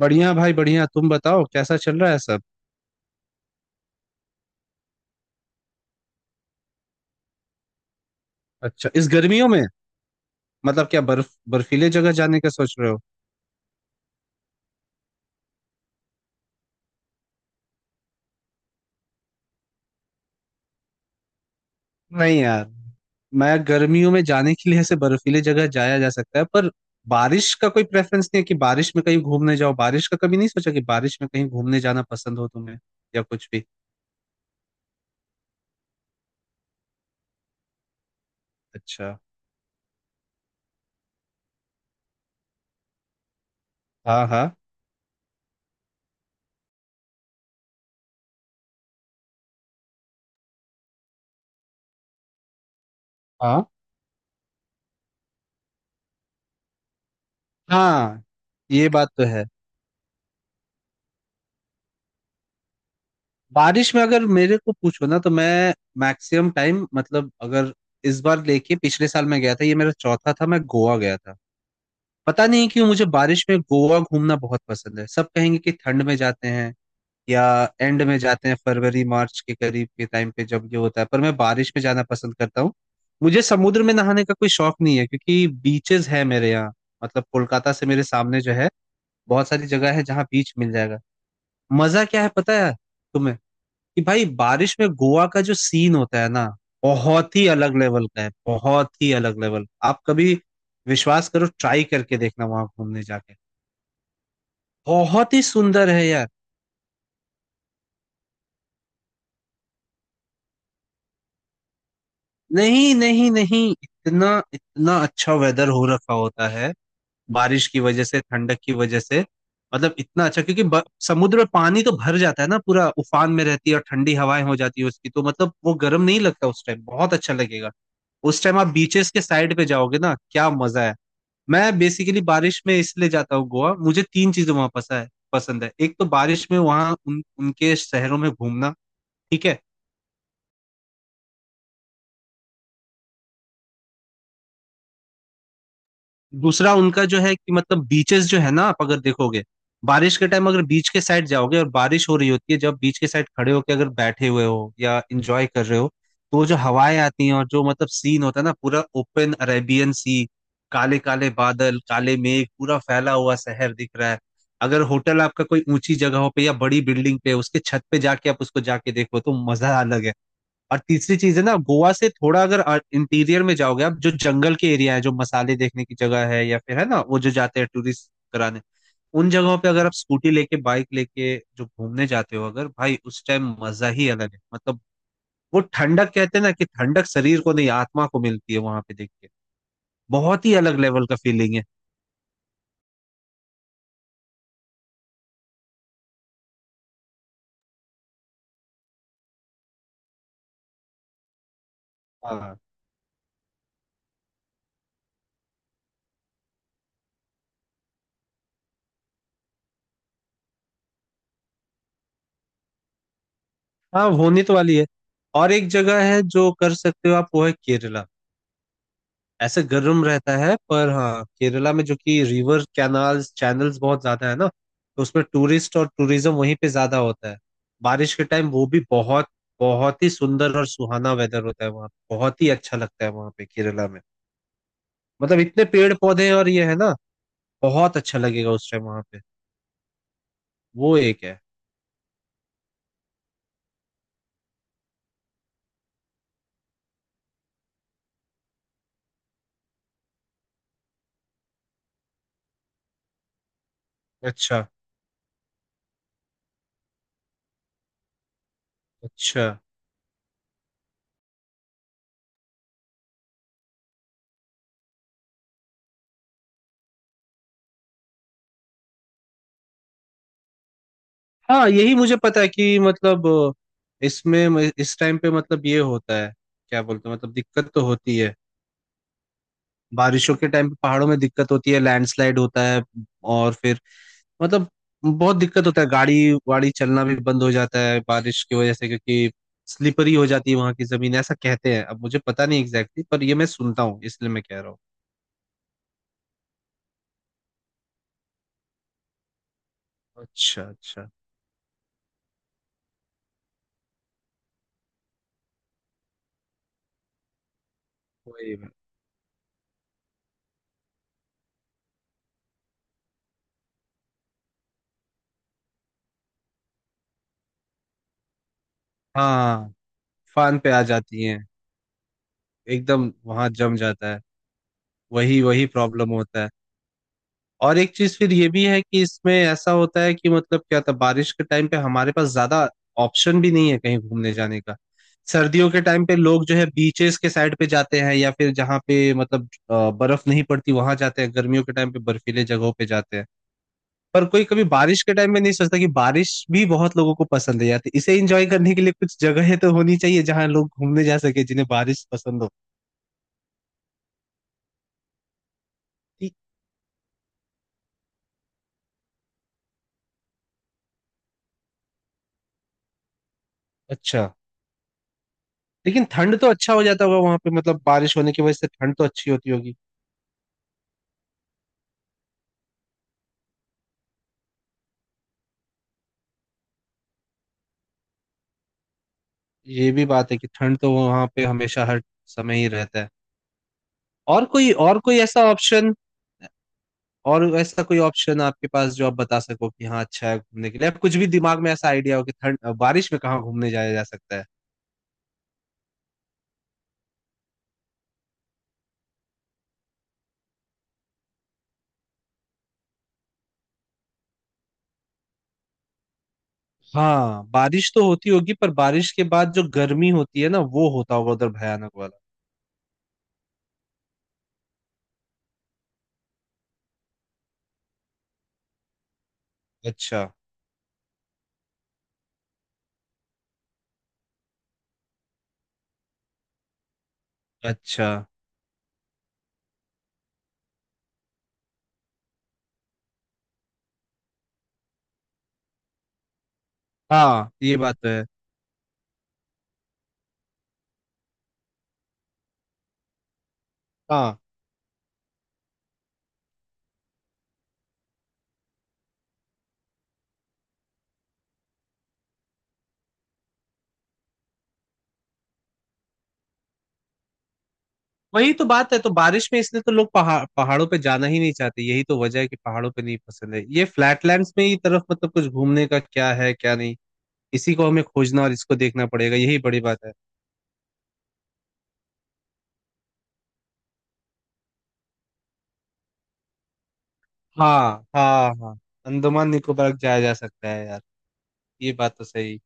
बढ़िया भाई बढ़िया, तुम बताओ कैसा चल रहा है सब। अच्छा, इस गर्मियों में मतलब क्या बर्फ बर्फीले जगह जाने का सोच रहे हो? नहीं यार, मैं गर्मियों में जाने के लिए ऐसे बर्फीले जगह जाया जा सकता है पर बारिश का कोई प्रेफरेंस नहीं है कि बारिश में कहीं घूमने जाओ। बारिश का कभी नहीं सोचा कि बारिश में कहीं घूमने जाना पसंद हो तुम्हें या कुछ भी। अच्छा। हाँ हाँ हाँ हाँ। ये बात तो है। बारिश में अगर मेरे को पूछो ना तो मैं मैक्सिमम टाइम मतलब अगर इस बार लेके पिछले साल मैं गया था, ये मेरा चौथा था, मैं गोवा गया था। पता नहीं क्यों मुझे बारिश में गोवा घूमना बहुत पसंद है। सब कहेंगे कि ठंड में जाते हैं या एंड में जाते हैं, फरवरी मार्च के करीब के टाइम पे जब ये होता है, पर मैं बारिश में जाना पसंद करता हूँ। मुझे समुद्र में नहाने का कोई शौक नहीं है क्योंकि बीचेस है मेरे यहाँ, मतलब कोलकाता से मेरे सामने जो है बहुत सारी जगह है जहाँ बीच मिल जाएगा। मजा क्या है पता है तुम्हें कि भाई बारिश में गोवा का जो सीन होता है ना बहुत ही अलग लेवल का है। बहुत ही अलग लेवल। आप कभी विश्वास करो, ट्राई करके देखना वहां घूमने जाके, बहुत ही सुंदर है यार। नहीं नहीं नहीं, इतना इतना अच्छा वेदर हो रखा होता है बारिश की वजह से, ठंडक की वजह से, मतलब इतना अच्छा क्योंकि समुद्र में पानी तो भर जाता है ना, पूरा उफान में रहती है और ठंडी हवाएं हो जाती है उसकी, तो मतलब वो गर्म नहीं लगता उस टाइम, बहुत अच्छा लगेगा। उस टाइम आप बीचेस के साइड पे जाओगे ना, क्या मजा है। मैं बेसिकली बारिश में इसलिए जाता हूँ गोवा, मुझे तीन चीजें वहां पसंद है पसंद है। एक तो बारिश में वहां उन उनके शहरों में घूमना, ठीक है। दूसरा उनका जो है कि मतलब बीचेस जो है ना आप अगर देखोगे बारिश के टाइम अगर बीच के साइड जाओगे और बारिश हो रही होती है, जब बीच के साइड खड़े होके अगर बैठे हुए हो या इंजॉय कर रहे हो, तो जो हवाएं आती हैं और जो मतलब सीन होता है ना, पूरा ओपन अरेबियन सी, काले काले बादल, काले मेघ, पूरा फैला हुआ शहर दिख रहा है। अगर होटल आपका कोई ऊंची जगहों पे या बड़ी बिल्डिंग पे उसके छत पे जाके आप उसको जाके देखो तो मजा अलग है। और तीसरी चीज है ना, गोवा से थोड़ा अगर इंटीरियर में जाओगे आप, जो जंगल के एरिया है, जो मसाले देखने की जगह है या फिर है ना वो जो जाते हैं टूरिस्ट कराने, उन जगहों पे अगर आप स्कूटी लेके बाइक लेके जो घूमने जाते हो, अगर भाई उस टाइम मजा ही अलग है मतलब। वो ठंडक कहते हैं ना कि ठंडक शरीर को नहीं आत्मा को मिलती है वहां पे देख के, बहुत ही अलग लेवल का फीलिंग है। हाँ हाँ, होने तो वाली है। और एक जगह है जो कर सकते हो आप, वो है केरला। ऐसे गर्म रहता है पर हाँ केरला में जो कि रिवर कैनाल्स चैनल्स बहुत ज्यादा है ना, तो उसमें टूरिस्ट और टूरिज्म वहीं पे ज्यादा होता है। बारिश के टाइम वो भी बहुत बहुत ही सुंदर और सुहाना वेदर होता है वहाँ, बहुत ही अच्छा लगता है वहाँ पे केरला में, मतलब इतने पेड़ पौधे हैं और ये है ना, बहुत अच्छा लगेगा उस टाइम वहाँ पे। वो एक है। अच्छा अच्छा। हाँ यही मुझे पता है कि मतलब इसमें इस टाइम पे मतलब ये होता है, क्या बोलते हैं, मतलब दिक्कत तो होती है, बारिशों के टाइम पे पहाड़ों में दिक्कत होती है, लैंडस्लाइड होता है और फिर मतलब बहुत दिक्कत होता है, गाड़ी वाड़ी चलना भी बंद हो जाता है बारिश की वजह से क्योंकि स्लिपरी हो जाती है वहां की जमीन, ऐसा कहते हैं, अब मुझे पता नहीं एग्जैक्टली पर ये मैं सुनता हूँ इसलिए मैं कह रहा हूँ। अच्छा अच्छा। वही बात। हाँ फान पे आ जाती है, एकदम वहां जम जाता है। वही वही प्रॉब्लम होता है। और एक चीज फिर ये भी है कि इसमें ऐसा होता है कि मतलब क्या था, बारिश के टाइम पे हमारे पास ज्यादा ऑप्शन भी नहीं है कहीं घूमने जाने का। सर्दियों के टाइम पे लोग जो है बीचेस के साइड पे जाते हैं या फिर जहाँ पे मतलब बर्फ नहीं पड़ती वहां जाते हैं, गर्मियों के टाइम पे बर्फीले जगहों पे जाते हैं। पर कोई कभी बारिश के टाइम में नहीं सोचता कि बारिश भी बहुत लोगों को पसंद है यार, तो इसे एंजॉय करने के लिए कुछ जगहें तो होनी चाहिए जहाँ लोग घूमने जा सके जिन्हें बारिश पसंद हो। ठीक। अच्छा। लेकिन ठंड तो अच्छा हो जाता होगा वहां पे मतलब, बारिश होने की वजह से ठंड तो अच्छी होती होगी। ये भी बात है कि ठंड तो वहां पे हमेशा हर समय ही रहता है। और कोई ऐसा ऑप्शन, और ऐसा कोई ऑप्शन आपके पास जो आप बता सको कि हाँ अच्छा है घूमने के लिए, आप कुछ भी दिमाग में ऐसा आइडिया हो कि ठंड बारिश में कहाँ घूमने जाया जा सकता है? हाँ बारिश तो होती होगी पर बारिश के बाद जो गर्मी होती है ना वो होता होगा उधर, भयानक वाला। अच्छा अच्छा। हाँ ये बात तो है। हाँ वही तो बात है, तो बारिश में इसलिए तो लोग पहाड़ों पे जाना ही नहीं चाहते, यही तो वजह है कि पहाड़ों पे नहीं पसंद है, ये फ्लैटलैंड्स में ही तरफ मतलब कुछ घूमने का क्या है क्या नहीं। इसी को हमें खोजना और इसको देखना पड़ेगा, यही बड़ी बात है। हाँ हाँ हाँ। अंडमान निकोबार जाया जा सकता है यार। ये बात तो सही।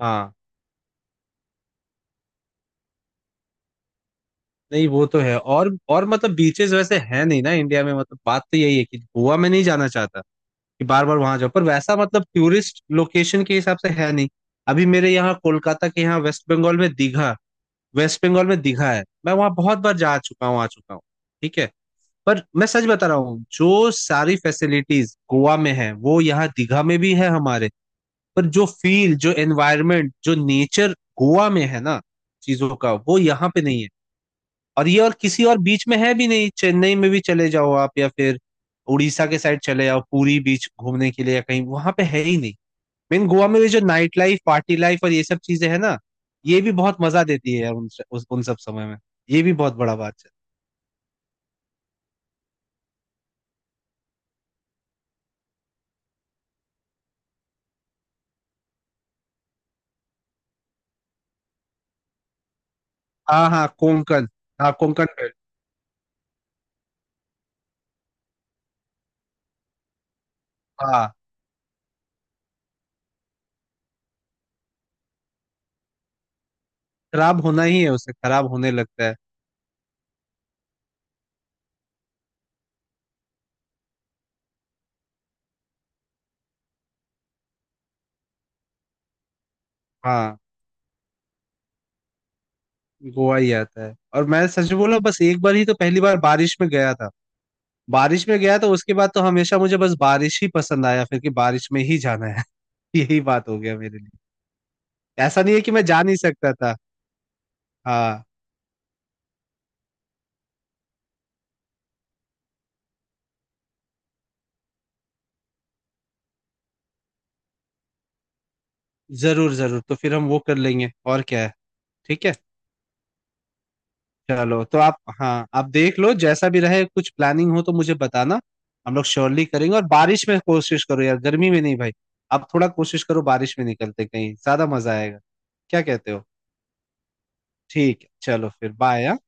हाँ। नहीं वो तो है, और मतलब बीचेस वैसे है नहीं ना इंडिया में, मतलब बात तो यही है कि गोवा में नहीं जाना चाहता कि बार बार वहां जाओ, पर वैसा मतलब टूरिस्ट लोकेशन के हिसाब से है नहीं। अभी मेरे यहाँ कोलकाता के यहाँ वेस्ट बंगाल में दीघा, वेस्ट बंगाल में दिखा है, मैं वहां बहुत बार जा चुका हूँ आ चुका हूँ, ठीक है। पर मैं सच बता रहा हूँ, जो सारी फैसिलिटीज गोवा में है वो यहाँ दीघा में भी है हमारे, पर जो फील, जो एनवायरनमेंट, जो नेचर गोवा में है ना चीजों का, वो यहाँ पे नहीं है। और ये और किसी और बीच में है भी नहीं, चेन्नई में भी चले जाओ आप या फिर उड़ीसा के साइड चले जाओ पूरी बीच घूमने के लिए, या कहीं वहां पे है ही नहीं। मेन गोवा में ये जो नाइट लाइफ पार्टी लाइफ और ये सब चीजें है ना, ये भी बहुत मजा देती है यार उन उन सब समय में, ये भी बहुत बड़ा बात है। हाँ हाँ कोंकण। हाँ कोंकण बेल्ट। हाँ खराब होना ही है, उसे खराब होने लगता है। हाँ गोवा ही आता है, और मैं सच बोला बस एक बार ही तो, पहली बार बारिश में गया था। बारिश में गया तो उसके बाद तो हमेशा मुझे बस बारिश ही पसंद आया फिर, कि बारिश में ही जाना है। यही बात हो गया मेरे लिए। ऐसा नहीं है कि मैं जा नहीं सकता था। हाँ, जरूर जरूर, तो फिर हम वो कर लेंगे और क्या है। ठीक है, चलो तो आप, हाँ आप देख लो जैसा भी रहे, कुछ प्लानिंग हो तो मुझे बताना, हम लोग श्योरली करेंगे, और बारिश में कोशिश करो यार गर्मी में नहीं भाई। आप थोड़ा कोशिश करो बारिश में निकलते कहीं ज्यादा मजा आएगा। क्या कहते हो? ठीक है, चलो फिर बाय।